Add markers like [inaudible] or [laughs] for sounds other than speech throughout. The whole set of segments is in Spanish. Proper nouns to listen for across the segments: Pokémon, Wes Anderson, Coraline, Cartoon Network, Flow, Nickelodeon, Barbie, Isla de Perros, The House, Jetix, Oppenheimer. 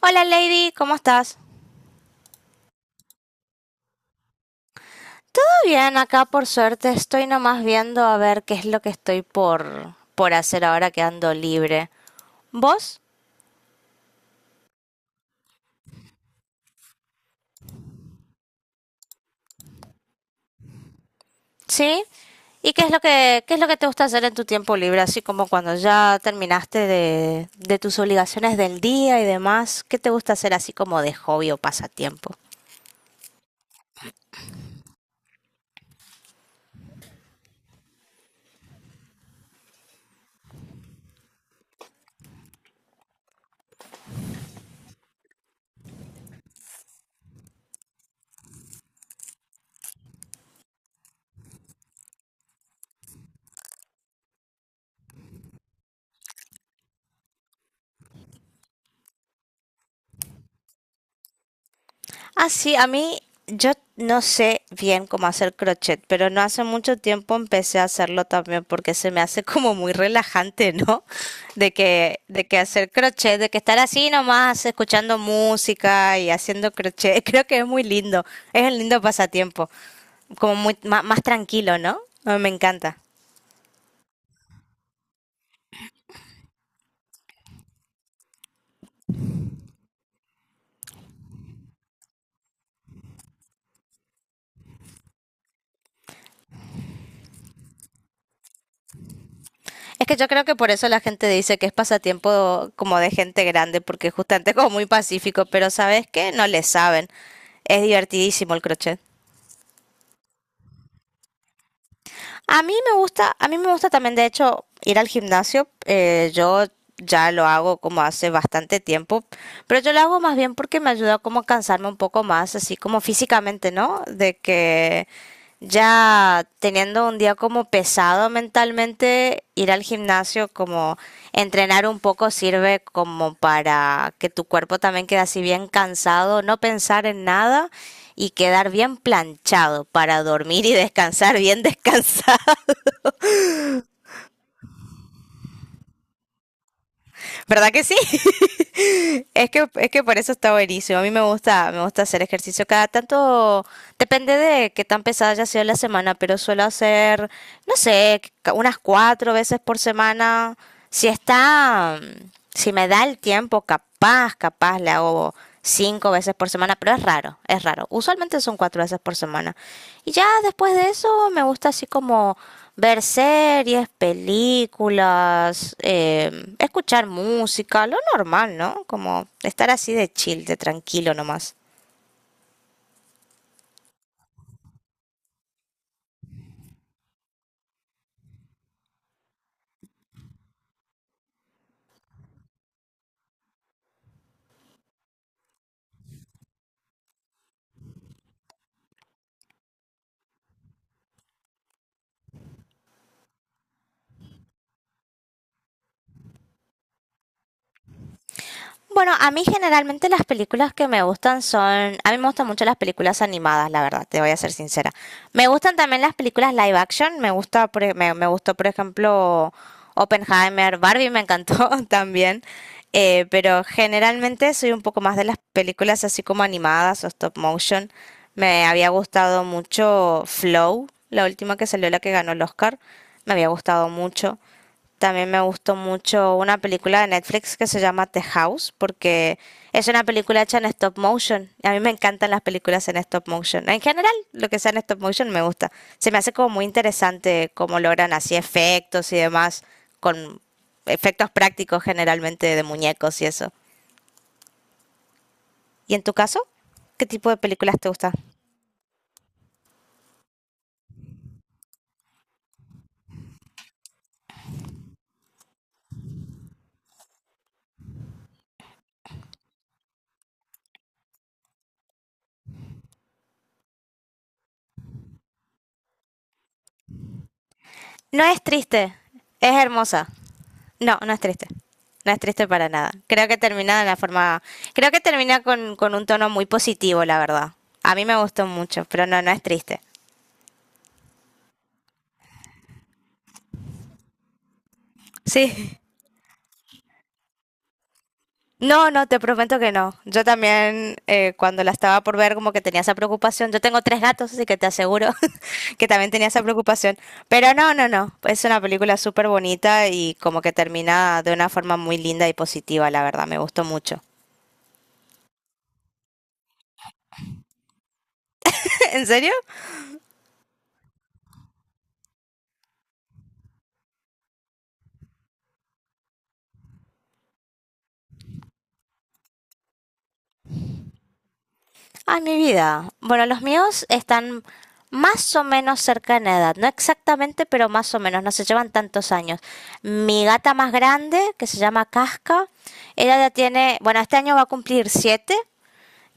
Hola Lady, ¿cómo estás? Todo bien, acá por suerte estoy nomás viendo a ver qué es lo que estoy por hacer ahora que ando libre. ¿Vos? ¿Sí? ¿Y qué es lo que te gusta hacer en tu tiempo libre? Así como cuando ya terminaste de tus obligaciones del día y demás, ¿qué te gusta hacer así como de hobby o pasatiempo? Ah, sí, a mí yo no sé bien cómo hacer crochet, pero no hace mucho tiempo empecé a hacerlo también porque se me hace [laughs] como muy relajante, ¿no? De que hacer crochet, de que estar así nomás escuchando música y haciendo crochet, [laughs] creo que es muy lindo, es un lindo pasatiempo, como muy más, tranquilo, ¿no? Ah, me encanta. Es que yo creo que por eso la gente dice que es pasatiempo como de gente grande, porque justamente es como muy pacífico, pero ¿sabes qué? No le saben. Es divertidísimo el crochet. A mí me gusta, a mí me gusta también, de hecho, ir al gimnasio. Yo ya lo hago como hace bastante tiempo, pero yo lo hago más bien porque me ayuda como a cansarme un poco más, así como físicamente, ¿no? De que ya teniendo un día como pesado mentalmente, ir al gimnasio, como entrenar un poco sirve como para que tu cuerpo también quede así bien cansado, no pensar en nada y quedar bien planchado para dormir y [laughs] descansar bien descansado. ¿Verdad que sí? [laughs] Es que por eso está buenísimo. A mí me gusta hacer ejercicio cada tanto, depende de qué tan pesada haya sido la semana, pero suelo hacer, no sé, unas cuatro veces por semana. Si está, si me da el tiempo, capaz le hago cinco veces por semana, pero es raro, es raro. Usualmente son cuatro veces por semana. Y ya después de eso me gusta así como ver series, películas, escuchar música, lo normal, ¿no? Como estar así de chill, de tranquilo nomás. Bueno, a mí generalmente las películas que me gustan son, a mí me gustan mucho las películas animadas, la verdad, te voy a ser sincera. Me gustan también las películas live action, me gusta, me gustó por ejemplo Oppenheimer, Barbie me encantó [laughs] también, pero generalmente soy un poco más de las películas así como animadas o stop motion. Me había gustado mucho Flow, la última que salió, la que ganó el Oscar, me había gustado mucho. También me gustó mucho una película de Netflix que se llama The House, porque es una película hecha en stop motion. A mí me encantan las películas en stop motion. En general, lo que sea en stop motion me gusta. Se me hace como muy interesante cómo logran así efectos y demás, con efectos prácticos generalmente de muñecos y eso. ¿Y en tu caso? ¿Qué tipo de películas te gusta? No es triste, es hermosa. No, no es triste. No es triste para nada. Creo que termina de la forma. Creo que termina con un tono muy positivo, la verdad. A mí me gustó mucho, pero no, no es triste. Sí. No, no, te prometo que no. Yo también, cuando la estaba por ver, como que tenía esa preocupación. Yo tengo tres gatos, así que te aseguro [laughs] que también tenía esa preocupación. Pero no, no, no. Es una película súper bonita y como que termina de una forma muy linda y positiva, la verdad. Me gustó mucho. [laughs] ¿En serio? Ah, mi vida. Bueno, los míos están más o menos cerca en edad, no exactamente, pero más o menos, no se llevan tantos años. Mi gata más grande, que se llama Casca, ella ya tiene, bueno, este año va a cumplir 7.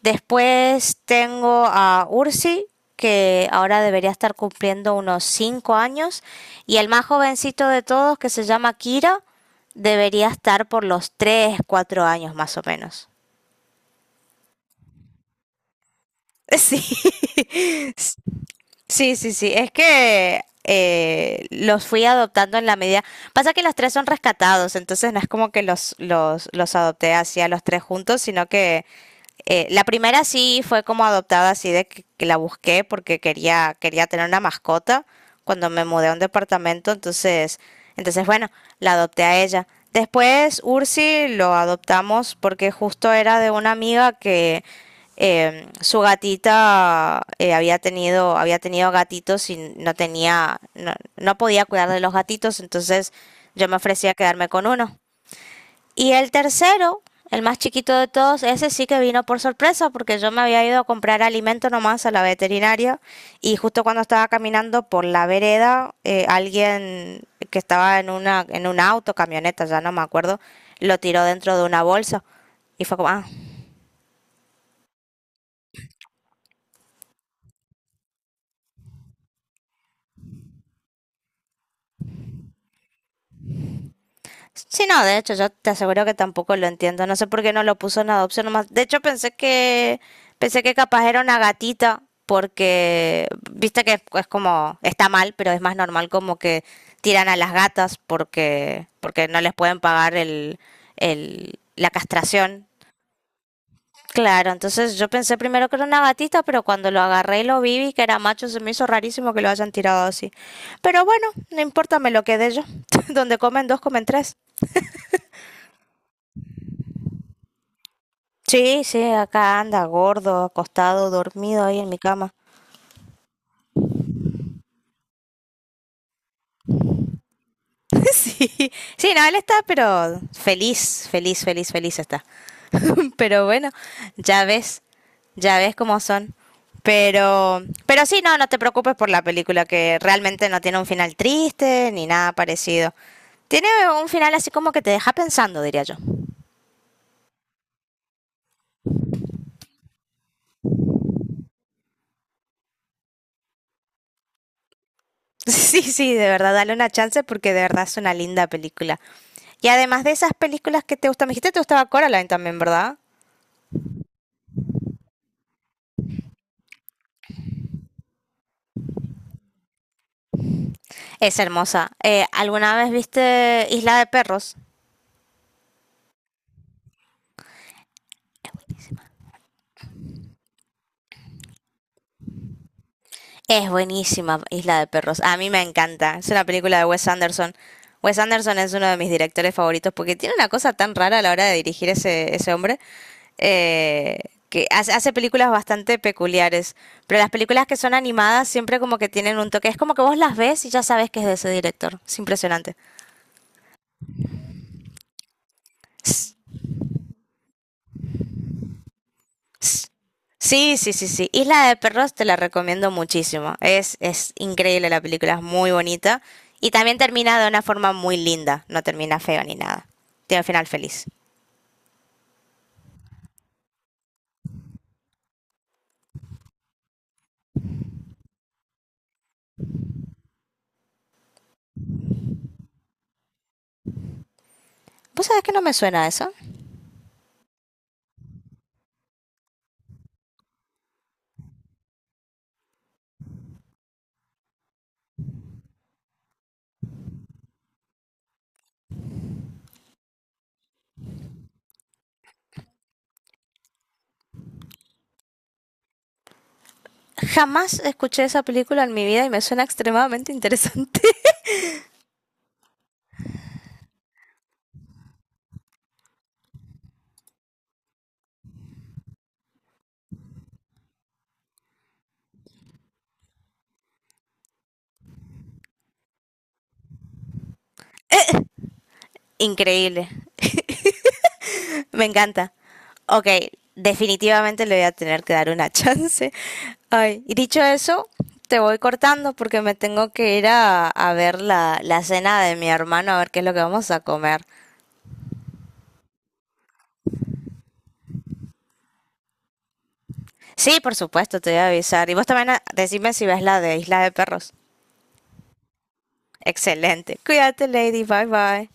Después tengo a Ursi, que ahora debería estar cumpliendo unos 5 años. Y el más jovencito de todos, que se llama Kira, debería estar por los 3, 4 años más o menos. [laughs] Sí, sí, sí, sí. Es que los fui adoptando en la medida. Pasa que los tres son rescatados, entonces no es como que los adopté así a los tres juntos, sino que la primera sí fue como adoptada, así de que la busqué porque quería, quería tener una mascota cuando me mudé a un departamento, entonces bueno, la adopté a ella. Después Ursi lo adoptamos porque justo era de una amiga que su gatita había tenido gatitos y no, no podía cuidar de los gatitos, entonces yo me ofrecía a quedarme con uno. Y el tercero, el más chiquito de todos, ese sí que vino por sorpresa porque yo me había ido a comprar alimento nomás a la veterinaria y justo cuando estaba caminando por la vereda, alguien que estaba en un auto, camioneta, ya no me acuerdo, lo tiró dentro de una bolsa. Y fue como, ah, sí, no, de hecho, yo te aseguro que tampoco lo entiendo. No sé por qué no lo puso en adopción nomás. De hecho, pensé que capaz era una gatita porque viste que es como está mal, pero es más normal como que tiran a las gatas porque no les pueden pagar el, la castración. Claro, entonces yo pensé primero que era una gatita, pero cuando lo agarré y lo vi que era macho, se me hizo rarísimo que lo hayan tirado así. Pero bueno, no importa, me lo quedé yo. [laughs] Donde comen dos, comen tres. Sí, sí, acá anda gordo, acostado, dormido ahí en mi cama. [laughs] Sí, sí, no, él está, pero feliz, feliz, feliz, feliz está. [laughs] Pero bueno, ya ves, ya ves cómo son. Pero, pero sí, no, no te preocupes por la película, que realmente no tiene un final triste ni nada parecido. Tiene un final así como que te deja pensando, diría yo. [laughs] Sí, sí, de verdad, dale una chance porque de verdad es una linda película. Y además de esas películas que te gustan, me dijiste que te gustaba Coraline también, ¿verdad? Es hermosa. ¿Alguna vez viste Isla de Perros? Es buenísima Isla de Perros. A mí me encanta. Es una película de Wes Anderson. Wes Anderson es uno de mis directores favoritos porque tiene una cosa tan rara a la hora de dirigir ese hombre. eh, que hace películas bastante peculiares, pero las películas que son animadas siempre como que tienen un toque, es como que vos las ves y ya sabes que es de ese director, es impresionante. S- Sí, sí, sí, sí. Isla de Perros te la recomiendo muchísimo. Es increíble la película, es muy bonita. Y también termina de una forma muy linda, no termina feo ni nada. Tiene un final feliz. ¿Vos sabés que no me suena eso? Jamás escuché esa película en mi vida y me suena extremadamente interesante. [laughs] Increíble, me encanta. Ok, definitivamente le voy a tener que dar una [laughs] chance. Ay, y dicho eso, te voy cortando porque me tengo que ir a ver la cena de mi hermano, a ver qué es lo que vamos a comer. Sí, por supuesto, te voy a avisar. Y vos también decime si ves la de Isla de Perros. Excelente. Cuídate, Lady. Bye bye.